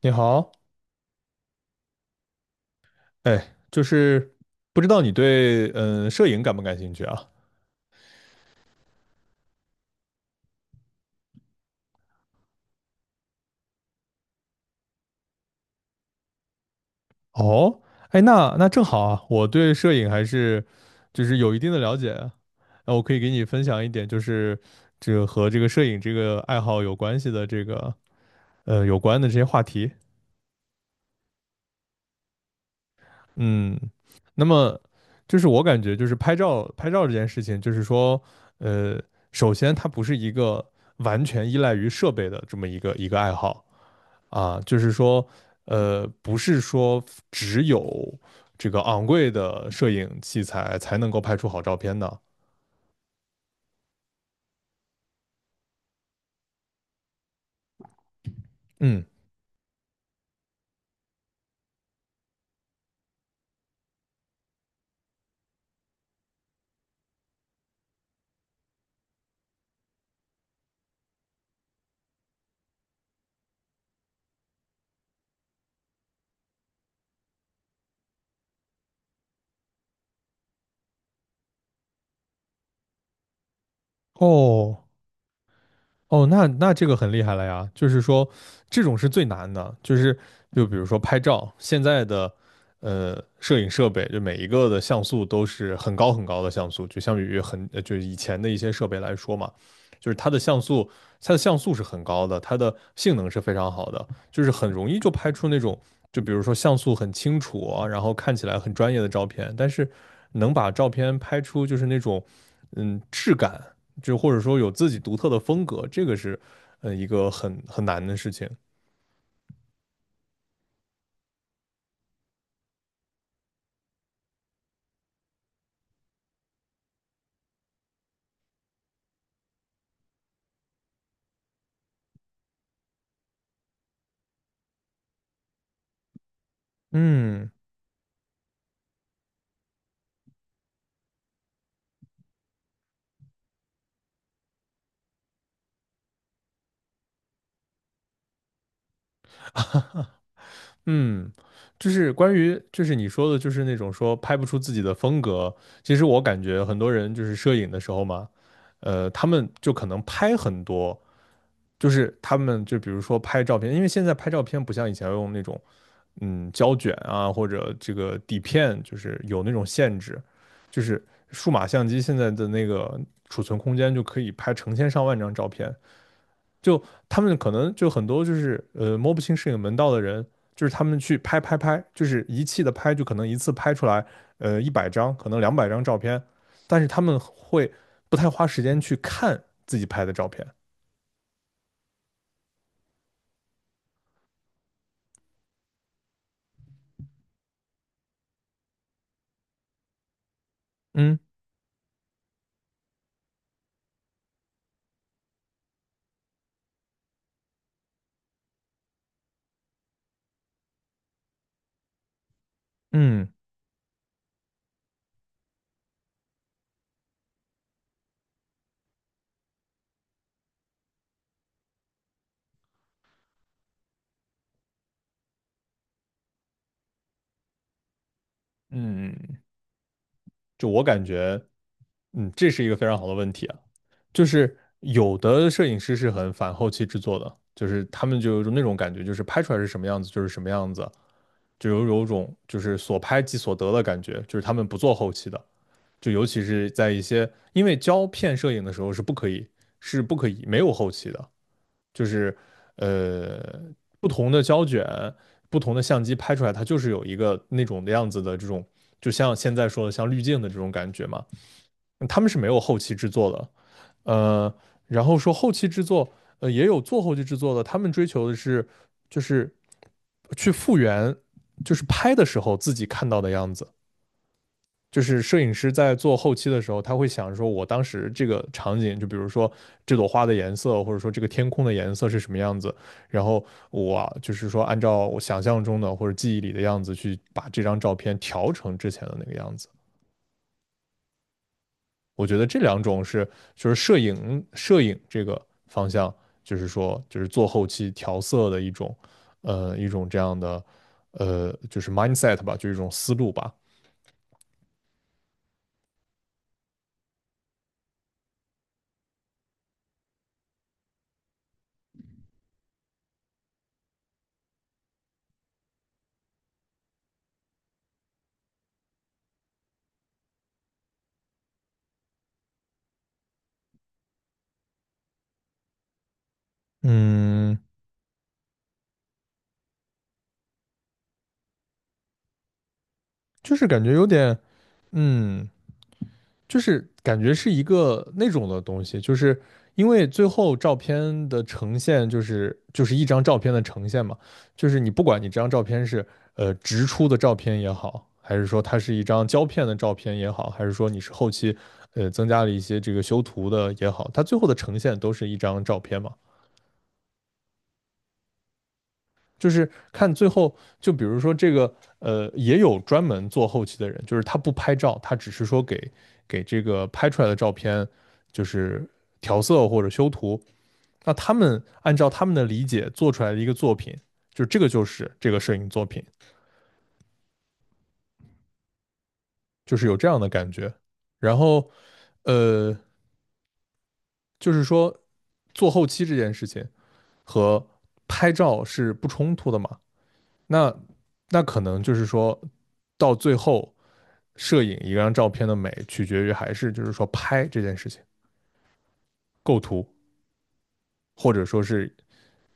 你好，哎，就是不知道你对摄影感不感兴趣啊？哦，哎，那正好啊，我对摄影还是就是有一定的了解啊，那我可以给你分享一点，就是这个和这个摄影这个爱好有关系的这个有关的这些话题。嗯，那么就是我感觉就是拍照拍照这件事情，就是说呃，首先它不是一个完全依赖于设备的这么一个爱好。啊，就是说，不是说只有这个昂贵的摄影器材才能够拍出好照片的。嗯，哦，哦，那这个很厉害了呀，就是说这种是最难的，就是就比如说拍照，现在的摄影设备，就每一个的像素都是很高很高的像素，就相比于很就是以前的一些设备来说嘛，就是它的像素是很高的，它的性能是非常好的，就是很容易就拍出那种就比如说像素很清楚啊，然后看起来很专业的照片，但是能把照片拍出就是那种质感，就或者说有自己独特的风格，这个是一个很难的事情。嗯。嗯，就是关于就是你说的，就是那种说拍不出自己的风格。其实我感觉很多人就是摄影的时候嘛，他们就可能拍很多，就是他们就比如说拍照片，因为现在拍照片不像以前用那种胶卷啊或者这个底片，就是有那种限制，就是数码相机现在的那个储存空间就可以拍成千上万张照片，就他们可能就很多就是摸不清摄影门道的人，就是他们去拍拍拍，就是一气的拍，就可能一次拍出来一百张，可能两百张照片，但是他们会不太花时间去看自己拍的照片。嗯嗯嗯，就我感觉，嗯，这是一个非常好的问题啊，就是有的摄影师是很反后期制作的，就是他们就有那种感觉，就是拍出来是什么样子就是什么样子，就有种就是所拍即所得的感觉，就是他们不做后期的，就尤其是在一些因为胶片摄影的时候是不可以没有后期的，就是呃不同的胶卷、不同的相机拍出来，它就是有一个那种的样子的这种，就像现在说的像滤镜的这种感觉嘛。他们是没有后期制作的，呃，然后说后期制作，也有做后期制作的，他们追求的是就是去复原，就是拍的时候自己看到的样子。就是摄影师在做后期的时候，他会想说，我当时这个场景，就比如说这朵花的颜色，或者说这个天空的颜色是什么样子，然后我啊就是说按照我想象中的或者记忆里的样子去把这张照片调成之前的那个样子。我觉得这两种是就是摄影摄影这个方向，就是说就是做后期调色的一种一种这样的就是 mindset 吧，就是一种思路吧。嗯，就是感觉有点嗯就是感觉是一个那种的东西，就是因为最后照片的呈现就是一张照片的呈现嘛，就是你不管你这张照片是直出的照片也好，还是说它是一张胶片的照片也好，还是说你是后期增加了一些这个修图的也好，它最后的呈现都是一张照片嘛。就是看最后，就比如说这个，也有专门做后期的人，就是他不拍照，他只是说给这个拍出来的照片，就是调色或者修图。那他们按照他们的理解做出来的一个作品，就这个就是这个摄影作品，就是有这样的感觉。然后，呃，就是说做后期这件事情和拍照是不冲突的嘛？那可能就是说到最后摄影一张照片的美，取决于还是就是说拍这件事情、构图，或者说是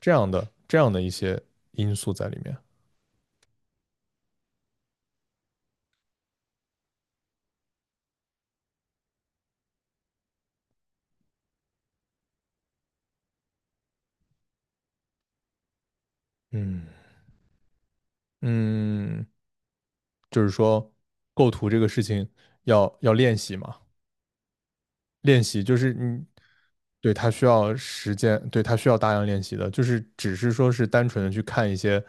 这样的一些因素在里面。嗯嗯，就是说构图这个事情要练习嘛，练习，就是你对它需要时间，对它需要大量练习的，就是只是说是单纯的去看一些，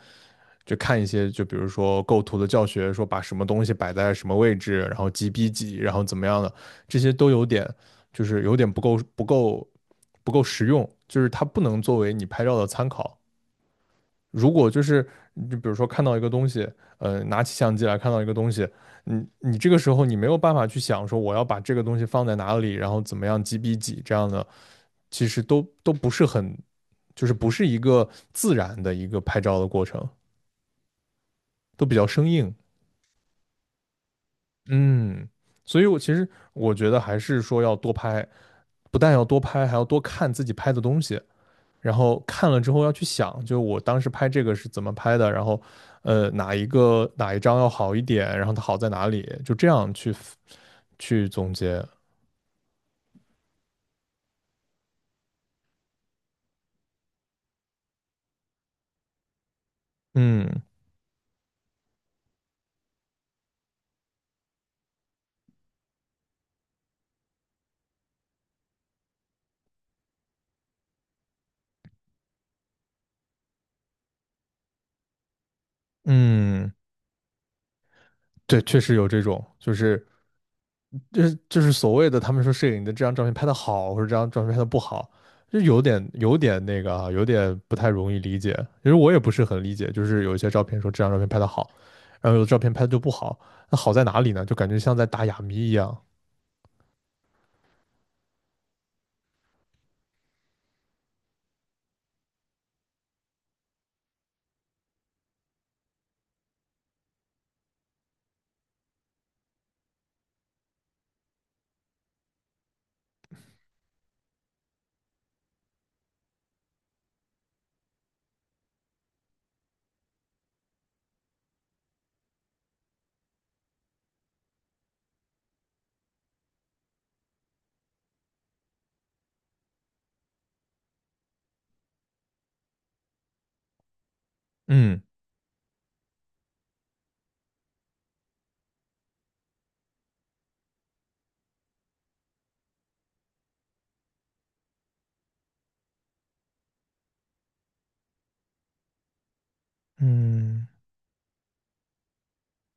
就看一些，就比如说构图的教学，说把什么东西摆在什么位置，然后几比几，然后怎么样的，这些都有点就是有点不够实用，就是它不能作为你拍照的参考。如果就是就比如说看到一个东西，拿起相机来看到一个东西，你这个时候你没有办法去想说我要把这个东西放在哪里，然后怎么样几比几这样的，其实都不是很，就是不是一个自然的一个拍照的过程，都比较生硬。嗯，所以我其实我觉得还是说要多拍，不但要多拍，还要多看自己拍的东西。然后看了之后要去想，就我当时拍这个是怎么拍的，然后哪一张要好一点，然后它好在哪里，就这样去总结。嗯嗯，对，确实有这种，就是所谓的他们说摄影的这张照片拍的好，或者这张照片拍的不好，就有点那个啊，有点不太容易理解。其实我也不是很理解，就是有一些照片说这张照片拍的好，然后有的照片拍的就不好，那好在哪里呢？就感觉像在打哑谜一样。嗯。嗯，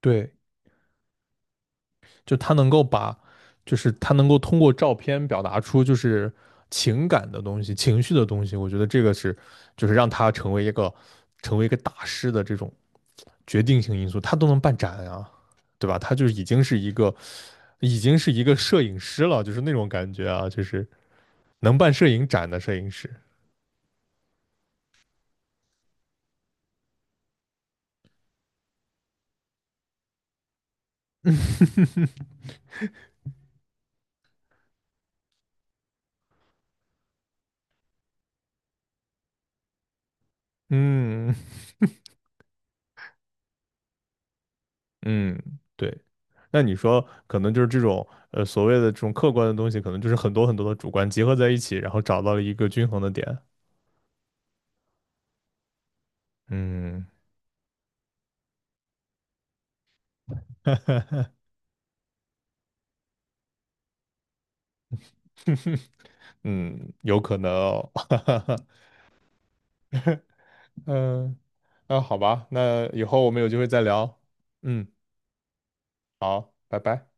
对，就他能够把，就是他能够通过照片表达出就是情感的东西、情绪的东西，我觉得这个是，就是让他成为一个大师的这种决定性因素，他都能办展啊，对吧？他就是已经是一个摄影师了，就是那种感觉啊，就是能办摄影展的摄影师。嗯，嗯，对。那你说，可能就是这种所谓的这种客观的东西，可能就是很多很多的主观结合在一起，然后找到了一个均衡的点。嗯嗯，有可能哦。嗯，那好吧，那以后我们有机会再聊。嗯，好，拜拜。